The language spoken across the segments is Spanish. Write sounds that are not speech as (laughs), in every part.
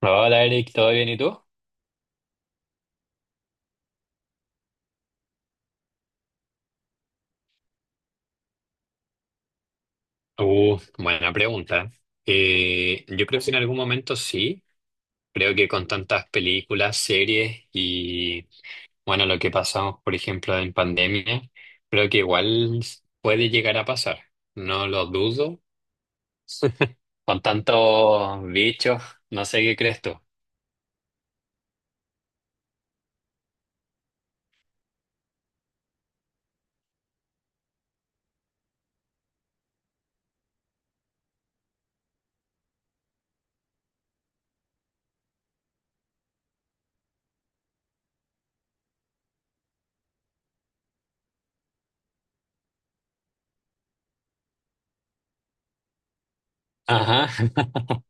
Hola Eric, ¿todo bien y tú? Buena pregunta. Yo creo que en algún momento sí. Creo que con tantas películas, series y bueno, lo que pasamos, por ejemplo, en pandemia, creo que igual puede llegar a pasar. No lo dudo. (laughs) Con tantos bichos, no sé qué crees tú. Ajá. (laughs)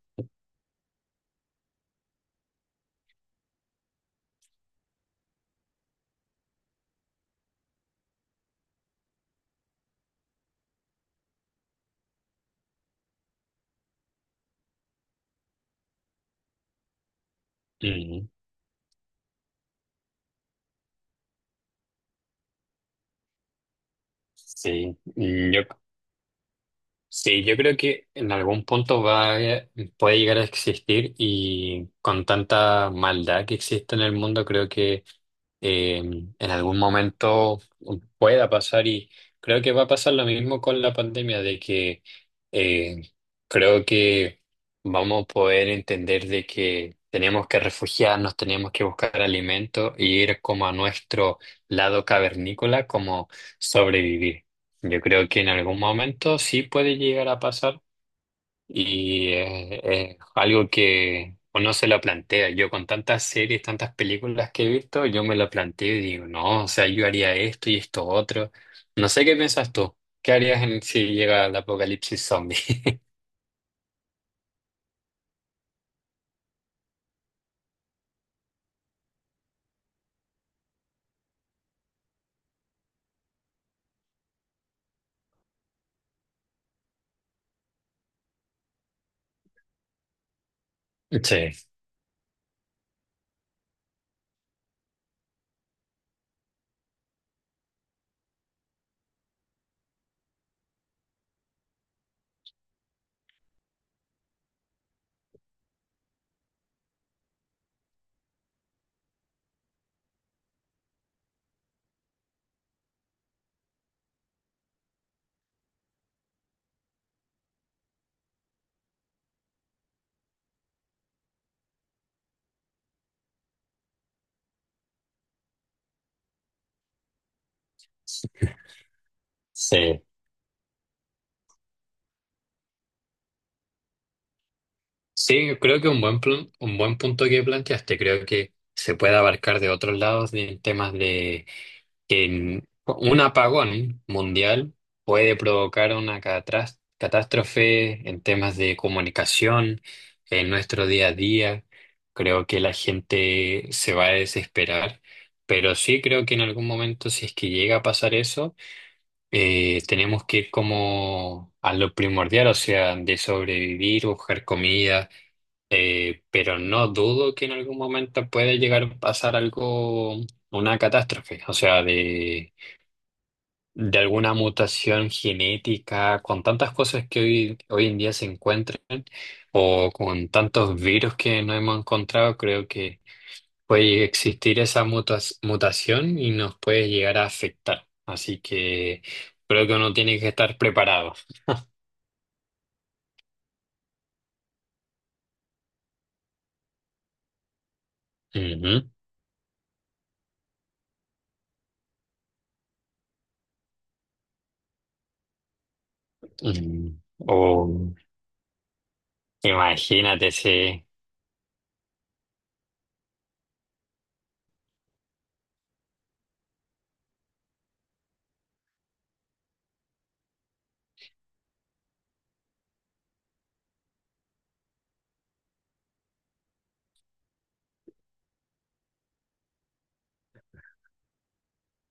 Mm. Sí. Mm, yo. Sí, yo creo que en algún punto puede llegar a existir y con tanta maldad que existe en el mundo, creo que eh, en algún momento pueda pasar, y creo que va a pasar lo mismo con la pandemia, de que eh, creo que vamos a poder entender de que tenemos que refugiarnos, tenemos que buscar alimento y ir como a nuestro lado cavernícola, como sobrevivir. Yo creo que en algún momento sí puede llegar a pasar y es algo que uno se lo plantea. Yo con tantas series, tantas películas que he visto, yo me lo planteo y digo, no, o sea, yo haría esto y esto otro. No sé qué piensas tú. ¿Qué harías si llega el apocalipsis zombie? (laughs) Sí, sí. Sí, creo que un buen punto que planteaste. Creo que se puede abarcar de otros lados en temas. Un apagón mundial puede provocar una catástrofe en temas de comunicación, en nuestro día a día. Creo que la gente se va a desesperar, pero sí creo que en algún momento, si es que llega a pasar eso, tenemos que ir como a lo primordial, o sea, de sobrevivir, buscar comida, pero no dudo que en algún momento puede llegar a pasar algo, una catástrofe, o sea, de alguna mutación genética, con tantas cosas que hoy en día se encuentran, o con tantos virus que no hemos encontrado. Creo que puede existir esa mutación y nos puede llegar a afectar. Así que creo que uno tiene que estar preparado. Ujú. Mm. O imagínate, sí.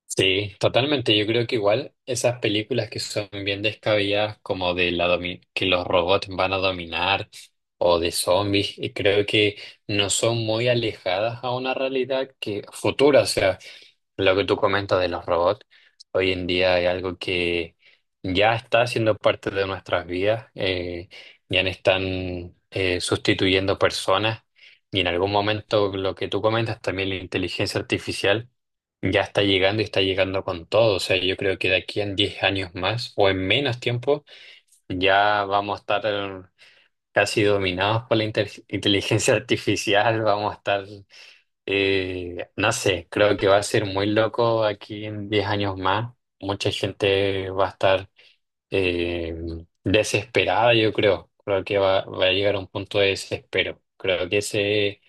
Sí, totalmente. Yo creo que igual esas películas que son bien descabelladas, como que los robots van a dominar o de zombies, y creo que no son muy alejadas a una realidad que futura. O sea, lo que tú comentas de los robots, hoy en día hay algo que ya está siendo parte de nuestras vidas, ya no están sustituyendo personas, y en algún momento lo que tú comentas también la inteligencia artificial ya está llegando y está llegando con todo. O sea, yo creo que de aquí en 10 años más, o en menos tiempo, ya vamos a estar casi dominados por la inteligencia (laughs) artificial. Vamos a estar no sé, creo que va a ser muy loco aquí en 10 años más. Mucha gente va a estar eh, desesperada, yo creo. Creo que va a llegar a un punto de desespero. Creo que ese,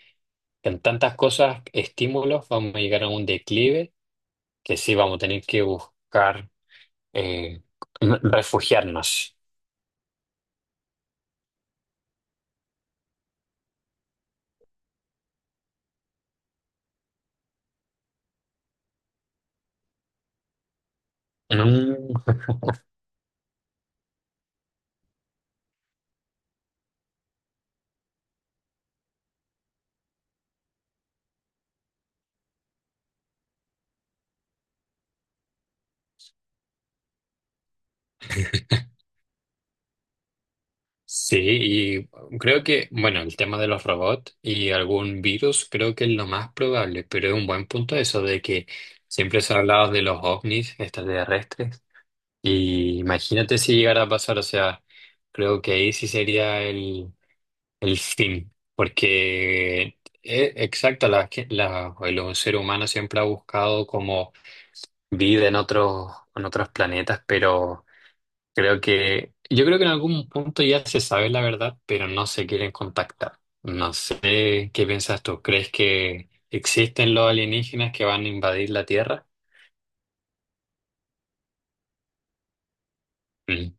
en tantas cosas, estímulos, vamos a llegar a un declive que sí vamos a tener que buscar eh, refugiarnos. Mm. Sí, y creo que, bueno, el tema de los robots y algún virus creo que es lo más probable, pero es un buen punto eso de que siempre se ha hablado de los ovnis extraterrestres, y imagínate si llegara a pasar, o sea, creo que ahí sí sería el fin, porque exacto, el ser humano siempre ha buscado como vida en otros planetas, pero... Yo creo que en algún punto ya se sabe la verdad, pero no se quieren contactar. No sé qué piensas tú. ¿Crees que existen los alienígenas que van a invadir la Tierra? Mm.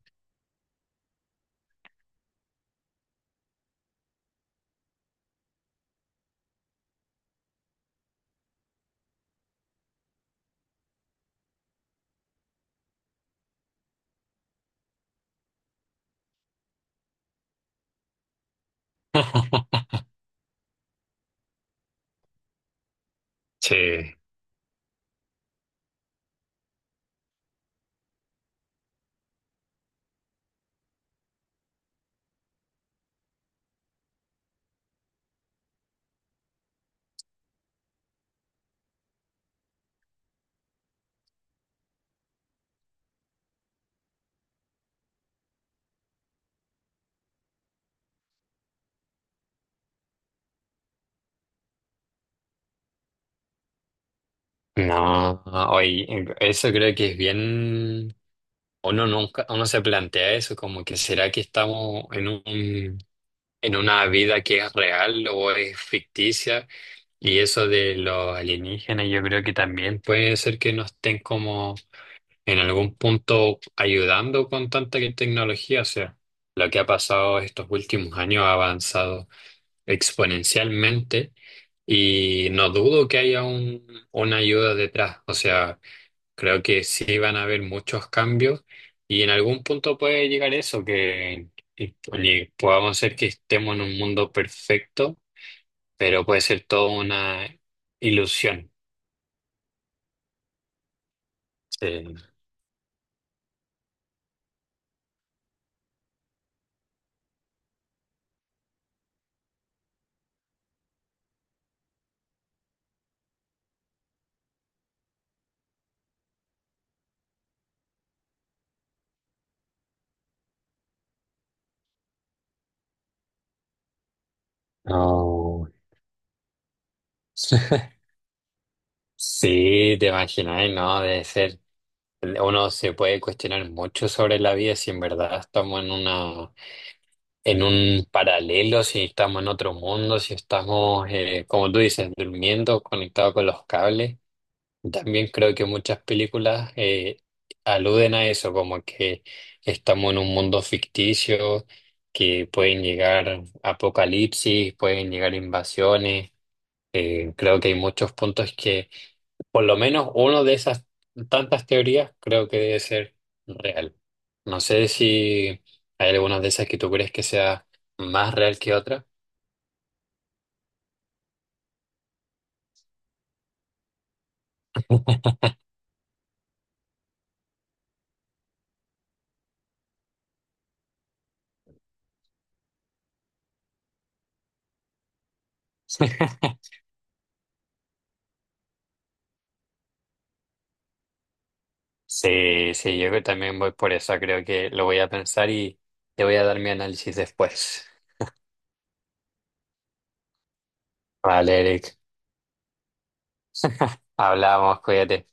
(laughs) Sí. No, hoy eso creo que es bien. Uno nunca, uno se plantea eso, como que será que estamos en una vida que es real o es ficticia. Y eso de los alienígenas, yo creo que también puede ser que no estén como en algún punto ayudando con tanta tecnología. O sea, lo que ha pasado estos últimos años ha avanzado exponencialmente, y no dudo que haya una ayuda detrás. O sea, creo que sí van a haber muchos cambios, y en algún punto puede llegar eso, que y podamos ser que estemos en un mundo perfecto, pero puede ser toda una ilusión. Sí. No. (laughs) Sí, te imaginas, ¿no? Debe ser. Uno se puede cuestionar mucho sobre la vida, si en verdad estamos en un paralelo, si estamos en otro mundo, si estamos, como tú dices, durmiendo, conectados con los cables. También creo que muchas películas aluden a eso, como que estamos en un mundo ficticio, que pueden llegar apocalipsis, pueden llegar invasiones. Creo que hay muchos puntos que por lo menos una de esas tantas teorías creo que debe ser real. No sé si hay algunas de esas que tú crees que sea más real que otra. (laughs) Sí, sí, yo que también voy por eso. Creo que lo voy a pensar y te voy a dar mi análisis después. (laughs) Vale, Eric. Hablamos, cuídate.